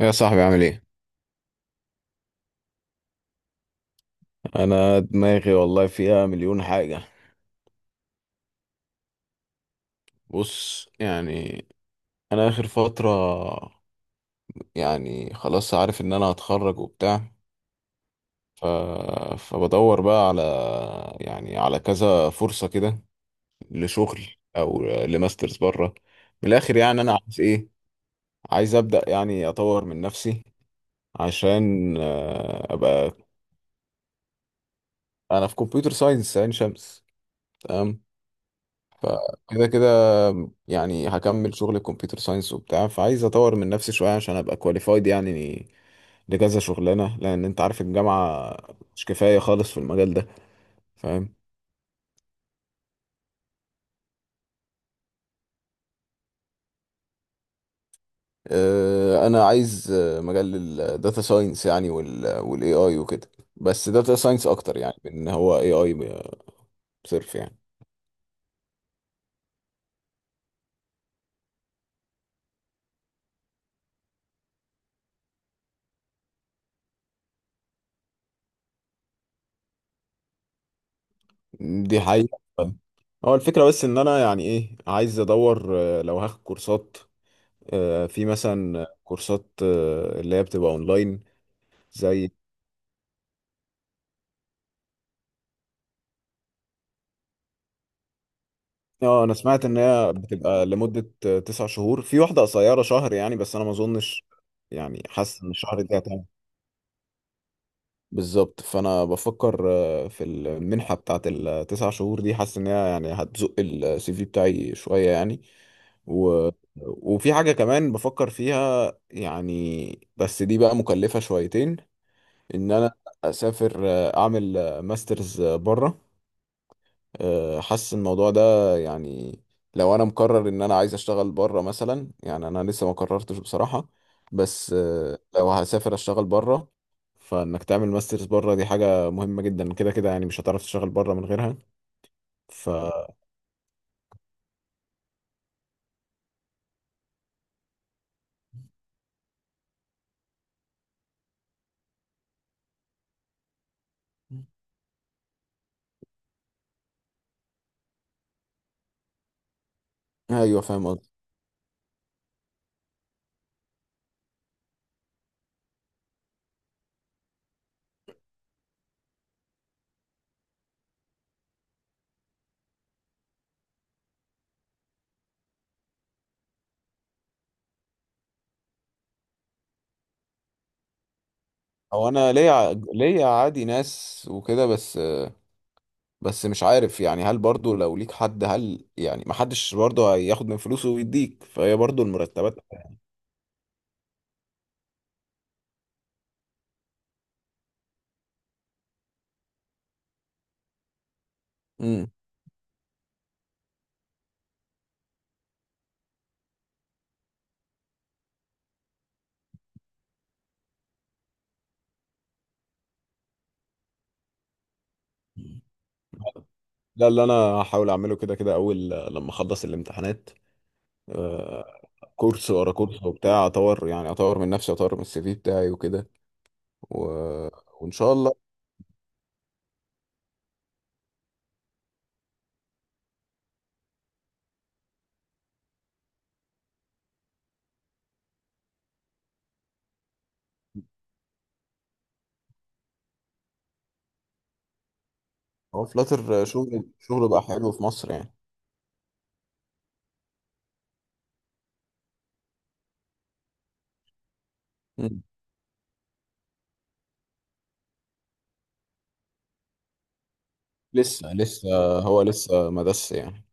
يا صاحبي، عامل ايه؟ انا دماغي والله فيها مليون حاجة. بص، يعني انا اخر فترة، يعني خلاص عارف ان انا هتخرج وبتاع. ف... فبدور بقى على، يعني على كذا فرصة كده، لشغل او لماسترز بره. من الاخر يعني انا عايز ايه؟ عايز ابدأ يعني اطور من نفسي عشان ابقى. انا في كمبيوتر ساينس عين شمس. تمام. كده كده يعني هكمل شغل كمبيوتر ساينس وبتاع، فعايز اطور من نفسي شويه عشان ابقى كواليفايد يعني لكذا شغلانه، لان انت عارف الجامعه مش كفايه خالص في المجال ده. فاهم. انا عايز مجال الداتا ساينس يعني والاي اي وكده، بس داتا ساينس اكتر يعني من ان هو اي اي صرف يعني. دي حقيقه. هو الفكره بس ان انا يعني ايه، عايز ادور لو هاخد كورسات، في مثلا كورسات اللي هي بتبقى اونلاين. زي اه، انا سمعت ان هي بتبقى لمدة 9 شهور، في واحدة قصيرة شهر يعني، بس انا ما اظنش. يعني حاسس ان الشهر ده هتعمل. بالظبط، فانا بفكر في المنحة بتاعت التسع شهور دي، حاسس ان هي يعني هتزق السي في بتاعي شوية يعني. و... وفي حاجة كمان بفكر فيها يعني، بس دي بقى مكلفة شويتين. ان انا اسافر، اعمل ماسترز بره. حاسس الموضوع ده يعني، لو انا مقرر ان انا عايز اشتغل بره مثلا يعني. انا لسه ما قررتش بصراحة، بس لو هسافر اشتغل بره، فانك تعمل ماسترز بره دي حاجة مهمة جدا كده كده، يعني مش هتعرف تشتغل بره من غيرها. ف ايوه فاهم قصدي. هو انا ليا ليا عادي ناس وكده، بس مش عارف يعني هل برضو لو ليك حد هل يعني ما حدش برضو هياخد من فلوسه ويديك، فهي برضو المرتبات. امم. ده اللي انا هحاول اعمله كده كده اول لما اخلص الامتحانات. آه، كورس ورا كورس وبتاع، اطور يعني اطور من نفسي، اطور من السي في بتاعي وكده. و... وان شاء الله. هو فلاتر شغله بقى حلو في مصر يعني. مم. لسه لسه، هو لسه مدس يعني.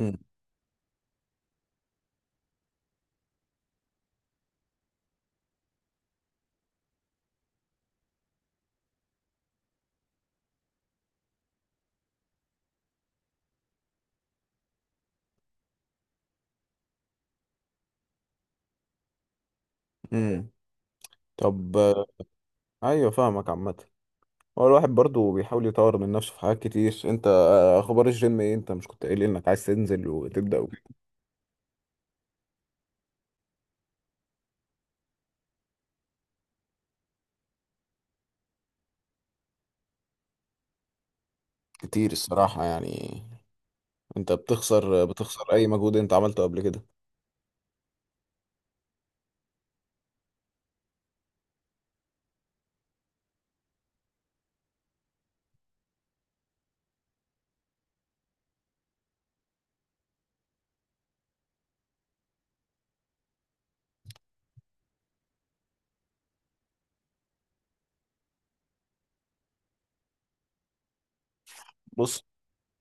مم. مم. طب ايوه فاهمك عامه. هو الواحد برضو بيحاول يطور من نفسه في حاجات كتير. انت اخبار الجيم ايه؟ انت مش كنت قايل انك عايز تنزل وتبدأ وكده؟ كتير الصراحه يعني. انت بتخسر اي مجهود انت عملته قبل كده. بص،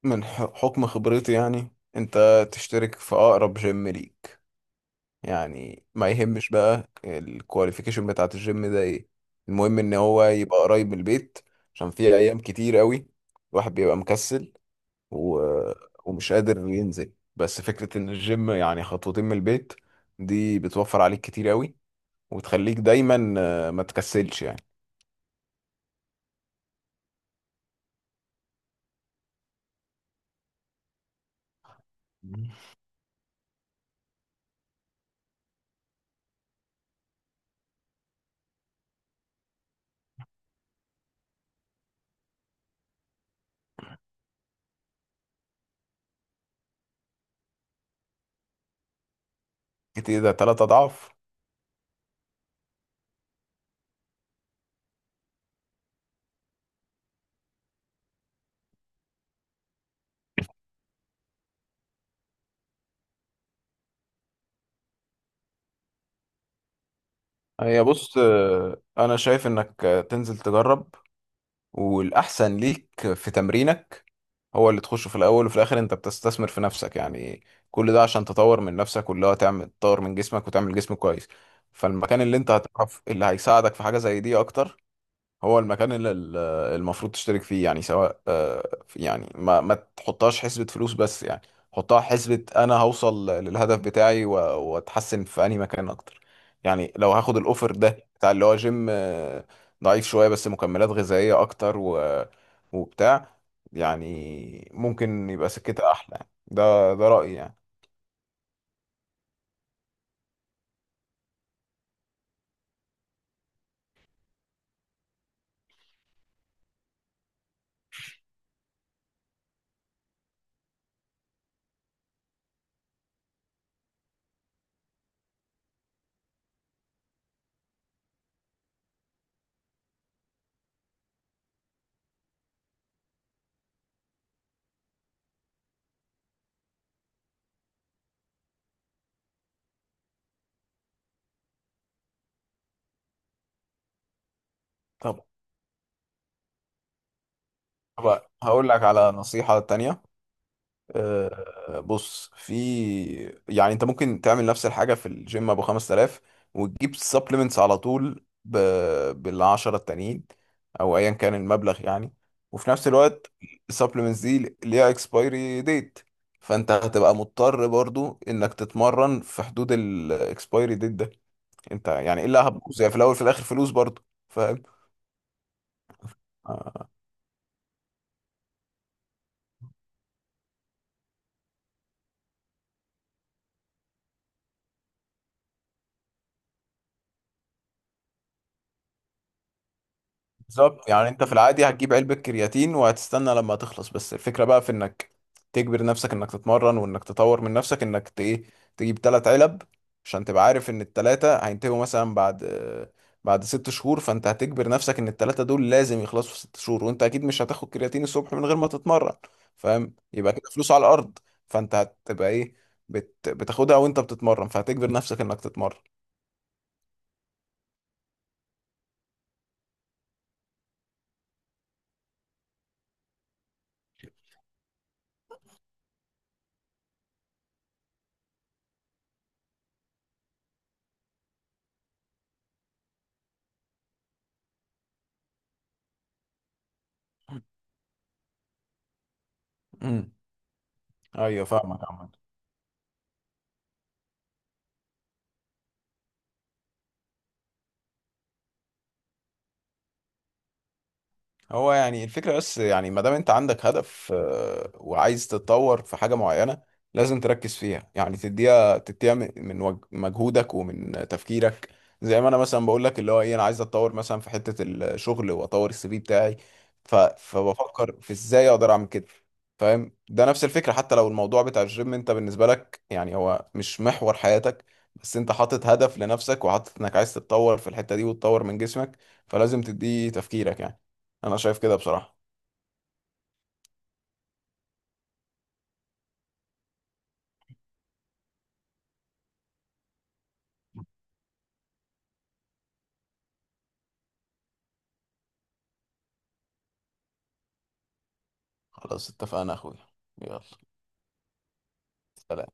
من حكم خبرتي يعني، انت تشترك في اقرب جيم ليك. يعني ما يهمش بقى الكواليفيكيشن بتاعت الجيم ده ايه، المهم ان هو يبقى قريب من البيت. عشان في ايام كتير قوي الواحد بيبقى مكسل و... ومش قادر ينزل، بس فكرة ان الجيم يعني خطوتين من البيت دي بتوفر عليك كتير قوي وتخليك دايما ما تكسلش يعني. مم. كتير، ده 3 اضعاف. هي بص، انا شايف انك تنزل تجرب. والاحسن ليك في تمرينك هو اللي تخشه، في الاول وفي الاخر انت بتستثمر في نفسك يعني. كل ده عشان تطور من نفسك، واللي هو تعمل تطور من جسمك وتعمل جسم كويس. فالمكان اللي انت هتعرف اللي هيساعدك في حاجة زي دي اكتر هو المكان اللي المفروض تشترك فيه يعني. سواء يعني ما تحطهاش حسبة فلوس بس يعني، حطها حسبة انا هوصل للهدف بتاعي واتحسن في انهي مكان اكتر. يعني لو هاخد الاوفر ده بتاع اللي هو جيم ضعيف شوية، بس مكملات غذائية اكتر وبتاع، يعني ممكن يبقى سكتها احلى يعني. ده رأيي يعني. طب طب هقول لك على نصيحة تانية. بص، في يعني انت ممكن تعمل نفس الحاجه في الجيم ابو 5000 وتجيب سبلمنتس على طول بالعشرة التانيين او ايا كان المبلغ يعني. وفي نفس الوقت السبلمنتس دي ليها اكسبايري ديت، فانت هتبقى مضطر برضو انك تتمرن في حدود الاكسبايري ديت ده. انت يعني الا هتبوظ يعني، في الاول في الاخر فلوس برضو. فاهم. آه. بالظبط، يعني انت في العادي هتجيب علبة كرياتين وهتستنى لما تخلص، بس الفكرة بقى في انك تجبر نفسك انك تتمرن وانك تطور من نفسك، انك ايه، تجيب 3 علب عشان تبقى عارف ان التلاتة هينتهوا مثلا بعد بعد 6 شهور، فانت هتجبر نفسك ان التلاتة دول لازم يخلصوا في 6 شهور، وانت اكيد مش هتاخد كرياتين الصبح من غير ما تتمرن. فاهم، يبقى كده فلوس على الارض. فانت هتبقى ايه، بتاخدها وانت بتتمرن، فهتجبر نفسك انك تتمرن. امم، ايوه فاهمك. هو يعني الفكرة بس، يعني ما دام انت عندك هدف وعايز تتطور في حاجة معينة لازم تركز فيها. يعني تديها من مجهودك ومن تفكيرك. زي ما انا مثلا بقول لك اللي هو ايه، انا عايز اتطور مثلا في حتة الشغل واطور السي في بتاعي. فبفكر في ازاي اقدر اعمل كده. فاهم، ده نفس الفكرة. حتى لو الموضوع بتاع الجيم انت بالنسبة لك يعني هو مش محور حياتك، بس انت حاطط هدف لنفسك وحاطط انك عايز تتطور في الحتة دي وتطور من جسمك، فلازم تديه تفكيرك يعني. انا شايف كده بصراحة. خلاص اتفقنا يا اخويا. يلا. سلام.